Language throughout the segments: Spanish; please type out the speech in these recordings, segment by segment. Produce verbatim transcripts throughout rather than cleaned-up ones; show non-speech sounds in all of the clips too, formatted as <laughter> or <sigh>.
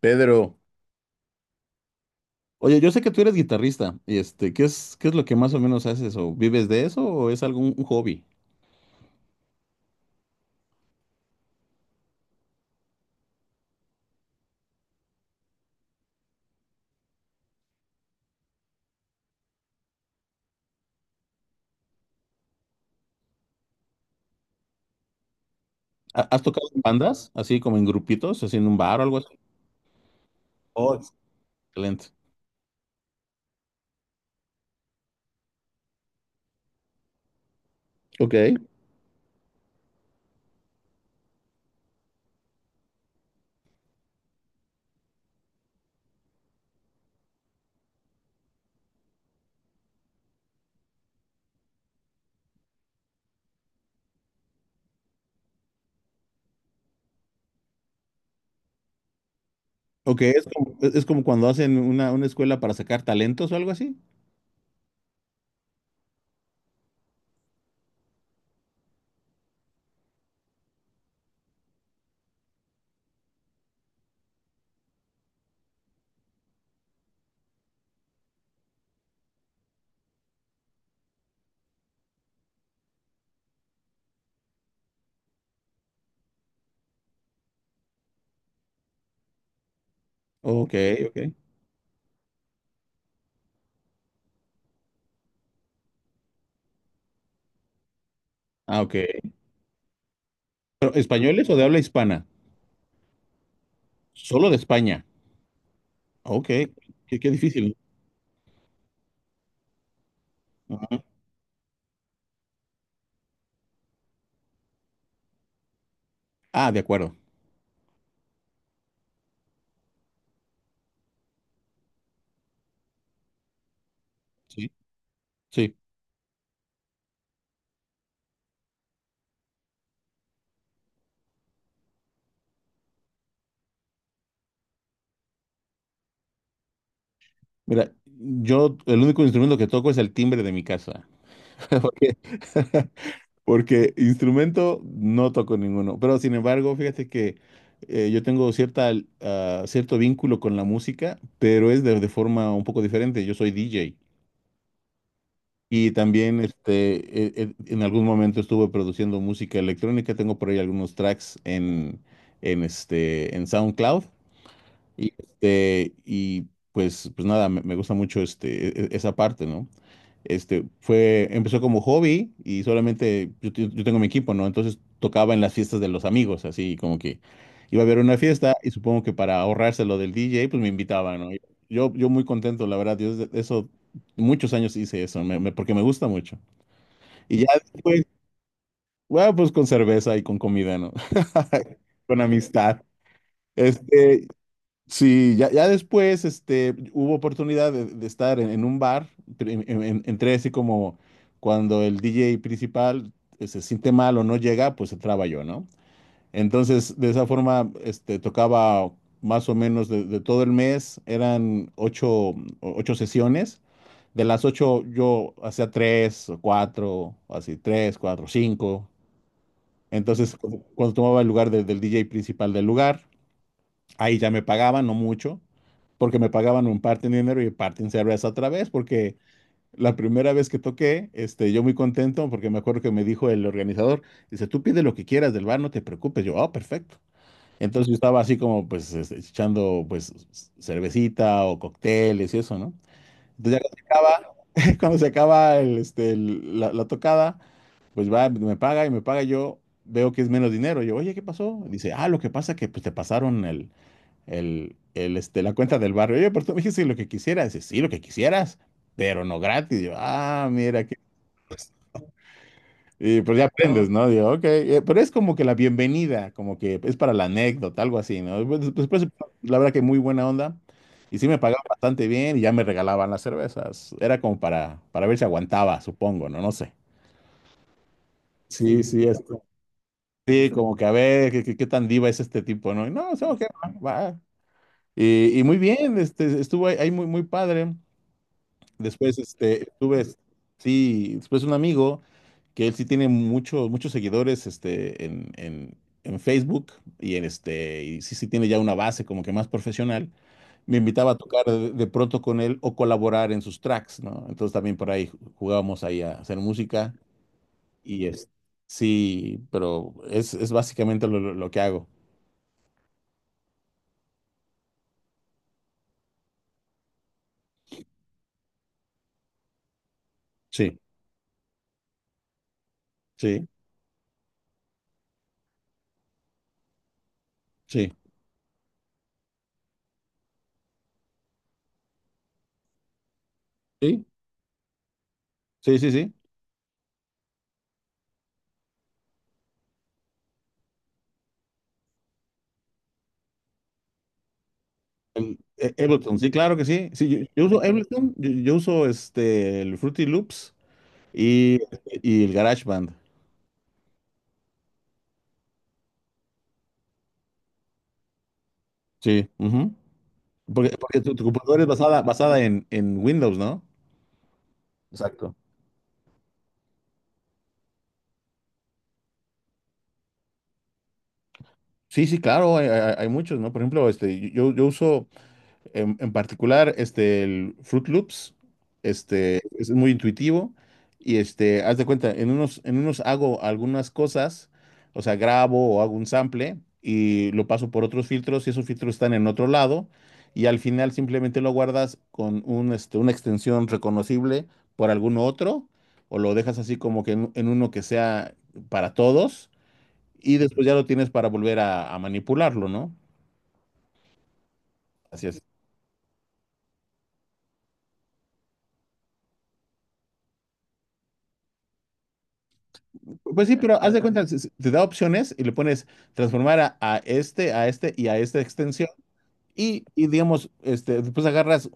Pedro, oye, yo sé que tú eres guitarrista, y este, ¿qué es, qué es lo que más o menos haces? ¿O vives de eso o es algún un hobby? ¿Ha- ¿Has tocado en bandas, así como en grupitos, así en un bar o algo así? Oh, excelente. Ok. Ok, es como, es es como cuando hacen una, una escuela para sacar talentos o algo así. Ok, ok. Ah, ok. ¿Pero ¿Españoles o de habla hispana? Solo de España. Ok, qué, qué difícil. ¿No? Ajá. Ah, de acuerdo. Sí, sí. Mira, yo el único instrumento que toco es el timbre de mi casa. <laughs> Porque, <laughs> porque instrumento no toco ninguno. Pero sin embargo, fíjate que eh, yo tengo cierta, ah, cierto vínculo con la música, pero es de, de forma un poco diferente. Yo soy D J. Y también este, e- e- en algún momento estuve produciendo música electrónica. Tengo por ahí algunos tracks en, en, este, en SoundCloud. Y, este, y pues, pues nada, me, me gusta mucho este, e- e- esa parte, ¿no? Este, fue, empezó como hobby, y solamente yo, te- yo tengo mi equipo, ¿no? Entonces tocaba en las fiestas de los amigos, así como que iba a haber una fiesta y supongo que para ahorrarse lo del D J, pues me invitaban, ¿no? Yo, yo muy contento, la verdad, yo desde- eso, muchos años hice eso, me- me- porque me gusta mucho. Y ya después, bueno, pues con cerveza y con comida, ¿no? <laughs> Con amistad. Este, sí, ya, ya después este, hubo oportunidad de, de estar en, en un bar. en- en- entré así como cuando el D J principal eh, se siente mal o no llega, pues entraba yo, ¿no? Entonces, de esa forma, este, tocaba más o menos de, de todo el mes. Eran ocho, ocho sesiones. De las ocho, yo hacía tres o cuatro, o así, tres, cuatro, cinco. Entonces, cu- cuando tomaba el lugar de- del D J principal del lugar. Ahí ya me pagaban, no mucho, porque me pagaban un parte en dinero y parte en cerveza otra vez, porque la primera vez que toqué, este, yo muy contento, porque me acuerdo que me dijo el organizador. Dice, tú pide lo que quieras del bar, no te preocupes. Yo, ah, perfecto. Entonces yo estaba así como, pues, este, echando, pues, c- cervecita o cócteles y eso, ¿no? Entonces ya cuando se acaba, <laughs> cuando se acaba el, este, el- la, la tocada, pues va, me paga y me paga. Yo veo que es menos dinero. Yo, oye, ¿qué pasó? Dice, ah, lo que pasa que, pues, te pasaron el el, el, este, la cuenta del barrio. Oye, pero tú me dijiste lo que quisieras. Dice, sí, lo que quisieras, pero no gratis. Y yo, ah, mira, que... Y pues ya aprendes. No. ¿No? Digo, ok. Eh, Pero es como que la bienvenida, como que es para la anécdota, algo así, ¿no? Pues, pues, pues, la verdad que muy buena onda. Y sí me pagaban bastante bien y ya me regalaban las cervezas. Era como para, para ver si aguantaba, supongo, ¿no? No sé. Sí, sí, esto. Sí, como que a ver, ¿qué, qué- qué tan diva es este tipo, ¿no? Y no, o sea, ok, va. Va. Y, y muy bien, este, estuvo ahí, ahí muy, muy padre. Después, este, tuve, sí, después un amigo, que él sí tiene muchos, muchos seguidores, este, en, en, en Facebook, y en este, y sí, sí tiene ya una base como que más profesional. Me invitaba a tocar de, de pronto con él o colaborar en sus tracks, ¿no? Entonces también por ahí jugábamos ahí a hacer música, y es, sí, pero es, es básicamente lo, lo lo que hago. Sí, sí, sí, sí, sí, sí, sí. El- e- Ableton, sí, claro que sí. Sí, yo, yo uso Ableton, yo, yo uso este el Fruity Loops y, y el GarageBand. Sí, ujú. Porque, porque tu, tu computadora es basada, basada en, en Windows, ¿no? Exacto. Sí, sí, claro, hay, hay- hay muchos, ¿no? Por ejemplo, este, yo, yo uso. En, en particular, este, el Fruit Loops, este, es muy intuitivo, y este, haz de cuenta, en unos, en unos hago algunas cosas, o sea, grabo o hago un sample y lo paso por otros filtros, y esos filtros están en otro lado, y al final simplemente lo guardas con un, este, una extensión reconocible por algún otro, o lo dejas así como que en, en uno que sea para todos, y después ya lo tienes para volver a, a manipularlo, ¿no? Así es. Pues sí, pero haz de cuenta, se- se- te da opciones y le pones transformar a, a este, a este y a esta extensión. Y, y digamos, este, después agarras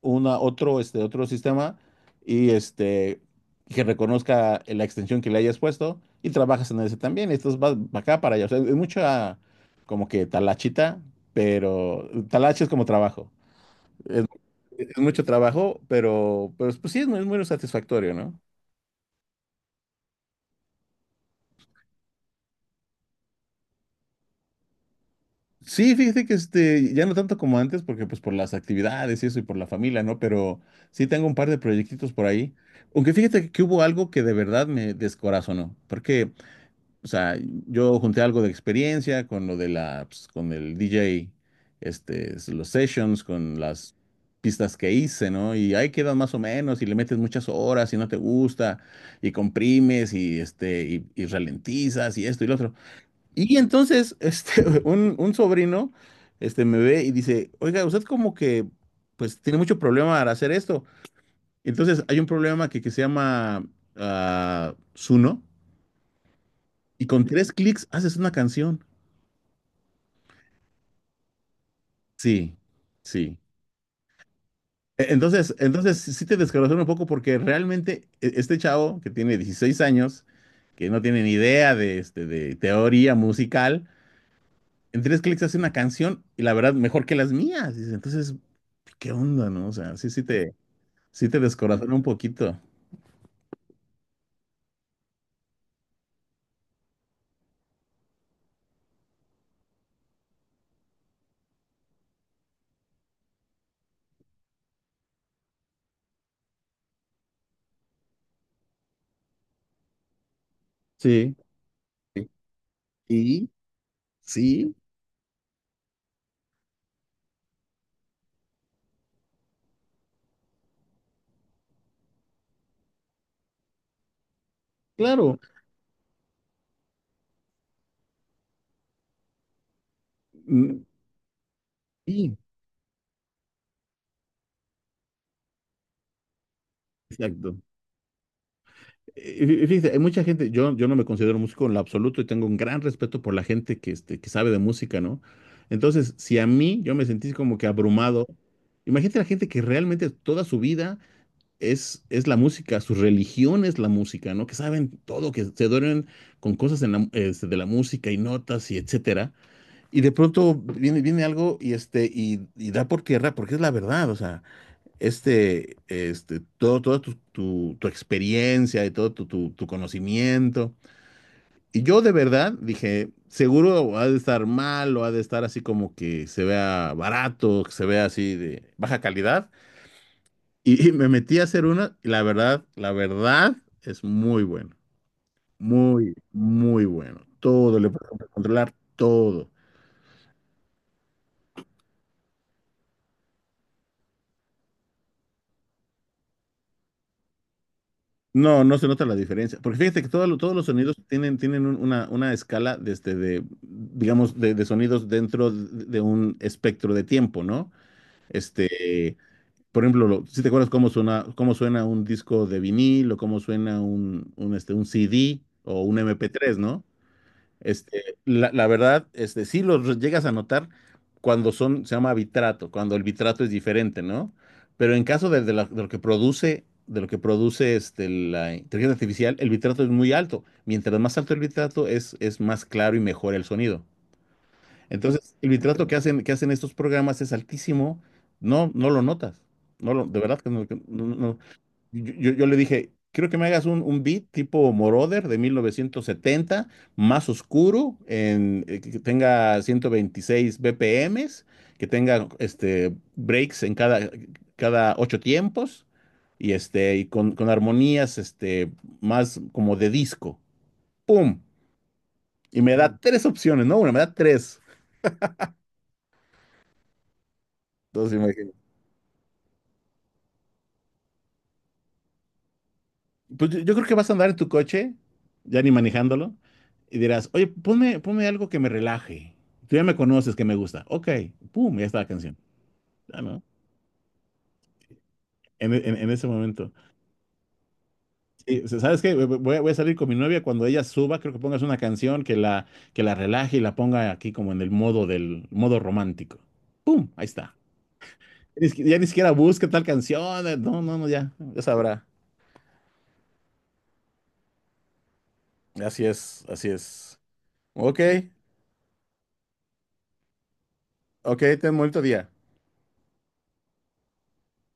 una, otro, este, otro sistema y este, que reconozca la extensión que le hayas puesto y trabajas en ese también. Esto vas para acá, para allá. O sea, es mucha como que talachita, pero talache es como trabajo. Es, es mucho trabajo, pero, pero pues sí, es muy, es muy satisfactorio, ¿no? Sí, fíjate que este, ya no tanto como antes, porque pues por las actividades y eso, y por la familia, ¿no? Pero sí tengo un par de proyectitos por ahí. Aunque fíjate que hubo algo que de verdad me descorazonó, porque, o sea, yo junté algo de experiencia con lo de la, pues, con el D J, este, s- los sessions, con las pistas que hice, ¿no? Y ahí quedan más o menos, y le metes muchas horas y no te gusta, y comprimes, y este, y, y ralentizas, y esto y lo otro. Y entonces, este, <laughs> un, un sobrino, este, me ve y dice, oiga, usted como que, pues, tiene mucho problema al hacer esto. Entonces, hay un problema que, que se llama ah, Suno, y con tres clics haces una canción. Sí, sí. E- Entonces, entonces sí sí te descorazona un poco, porque realmente e- este chavo, que tiene dieciséis años, que no tiene ni idea de, este, de teoría musical, en tres clics hace una canción, y la verdad, mejor que las mías. Dice. Entonces, ¿qué onda, no? O sea, sí, sí te, sí te descorazona un poquito. Sí, y sí, claro. mm, Y exacto. Y fí- Fíjate, hay mucha gente. Yo, yo no me considero músico en lo absoluto, y tengo un gran respeto por la gente que, este, que sabe de música, ¿no? Entonces, si a mí yo me sentí como que abrumado, imagínate la gente que realmente toda su vida es, es la música, su religión es la música, ¿no? Que saben todo, que se duermen con cosas en la este, de la música y notas y etcétera. Y de pronto viene, viene algo, y, este, y, y da por tierra, porque es la verdad, o sea, este, este, todo, toda tu, tu- tu experiencia y todo tu, tu- tu conocimiento. Y yo de verdad dije, seguro ha de estar mal, o ha de estar así como que se vea barato, que se vea así de baja calidad. Y, y me metí a hacer una, y la verdad, la verdad es muy bueno, muy, muy bueno. Todo, le puedes controlar todo. No, no se nota la diferencia. Porque fíjate que todo lo- todos los sonidos tienen, tienen un- una, una escala desde de, digamos, de, de sonidos dentro de, de un espectro de tiempo, ¿no? Este, por ejemplo, lo- si te acuerdas cómo suena, cómo suena un disco de vinil, o cómo suena un, un, este, un C D o un mp tres, ¿no? Este, la, la verdad, este, sí los llegas a notar cuando son, se llama vitrato, cuando el vitrato es diferente, ¿no? Pero en caso de, de la- de lo que produce, de lo que produce este, la inteligencia artificial, el vitrato es muy alto. Mientras más alto el vitrato, es, es más claro y mejor el sonido. Entonces, el vitrato que hacen, que hacen estos programas es altísimo. No, no lo notas. No lo, de verdad que no, que no- no- no yo, yo- yo le dije, quiero que me hagas un, un beat tipo Moroder de mil novecientos setenta, más oscuro, en, eh, que que tenga ciento veintiséis B P Ms, que tenga este, breaks en cada, cada ocho tiempos, y, este, y con, con armonías este, más como de disco. ¡Pum! Y me da Mm. tres opciones, no una, me da tres. Entonces. Pues yo, yo creo que vas a andar en tu coche, ya ni manejándolo, y dirás, oye, ponme, ponme algo que me relaje. Tú ya me conoces, que me gusta. Ok, pum, ya está la canción. Ah, ¿no? En, en- en ese momento. Sí, o sea, ¿sabes qué? Voy, voy a voy a salir con mi novia, cuando ella suba, creo que pongas una canción que la, que la relaje y la ponga aquí como en el modo del modo romántico. ¡Pum! Ahí está. Ni siqui- Ya ni siquiera busca tal canción. eh, No, no, no, ya, ya sabrá. Así es, así es. Ok, ok, ten un bonito día.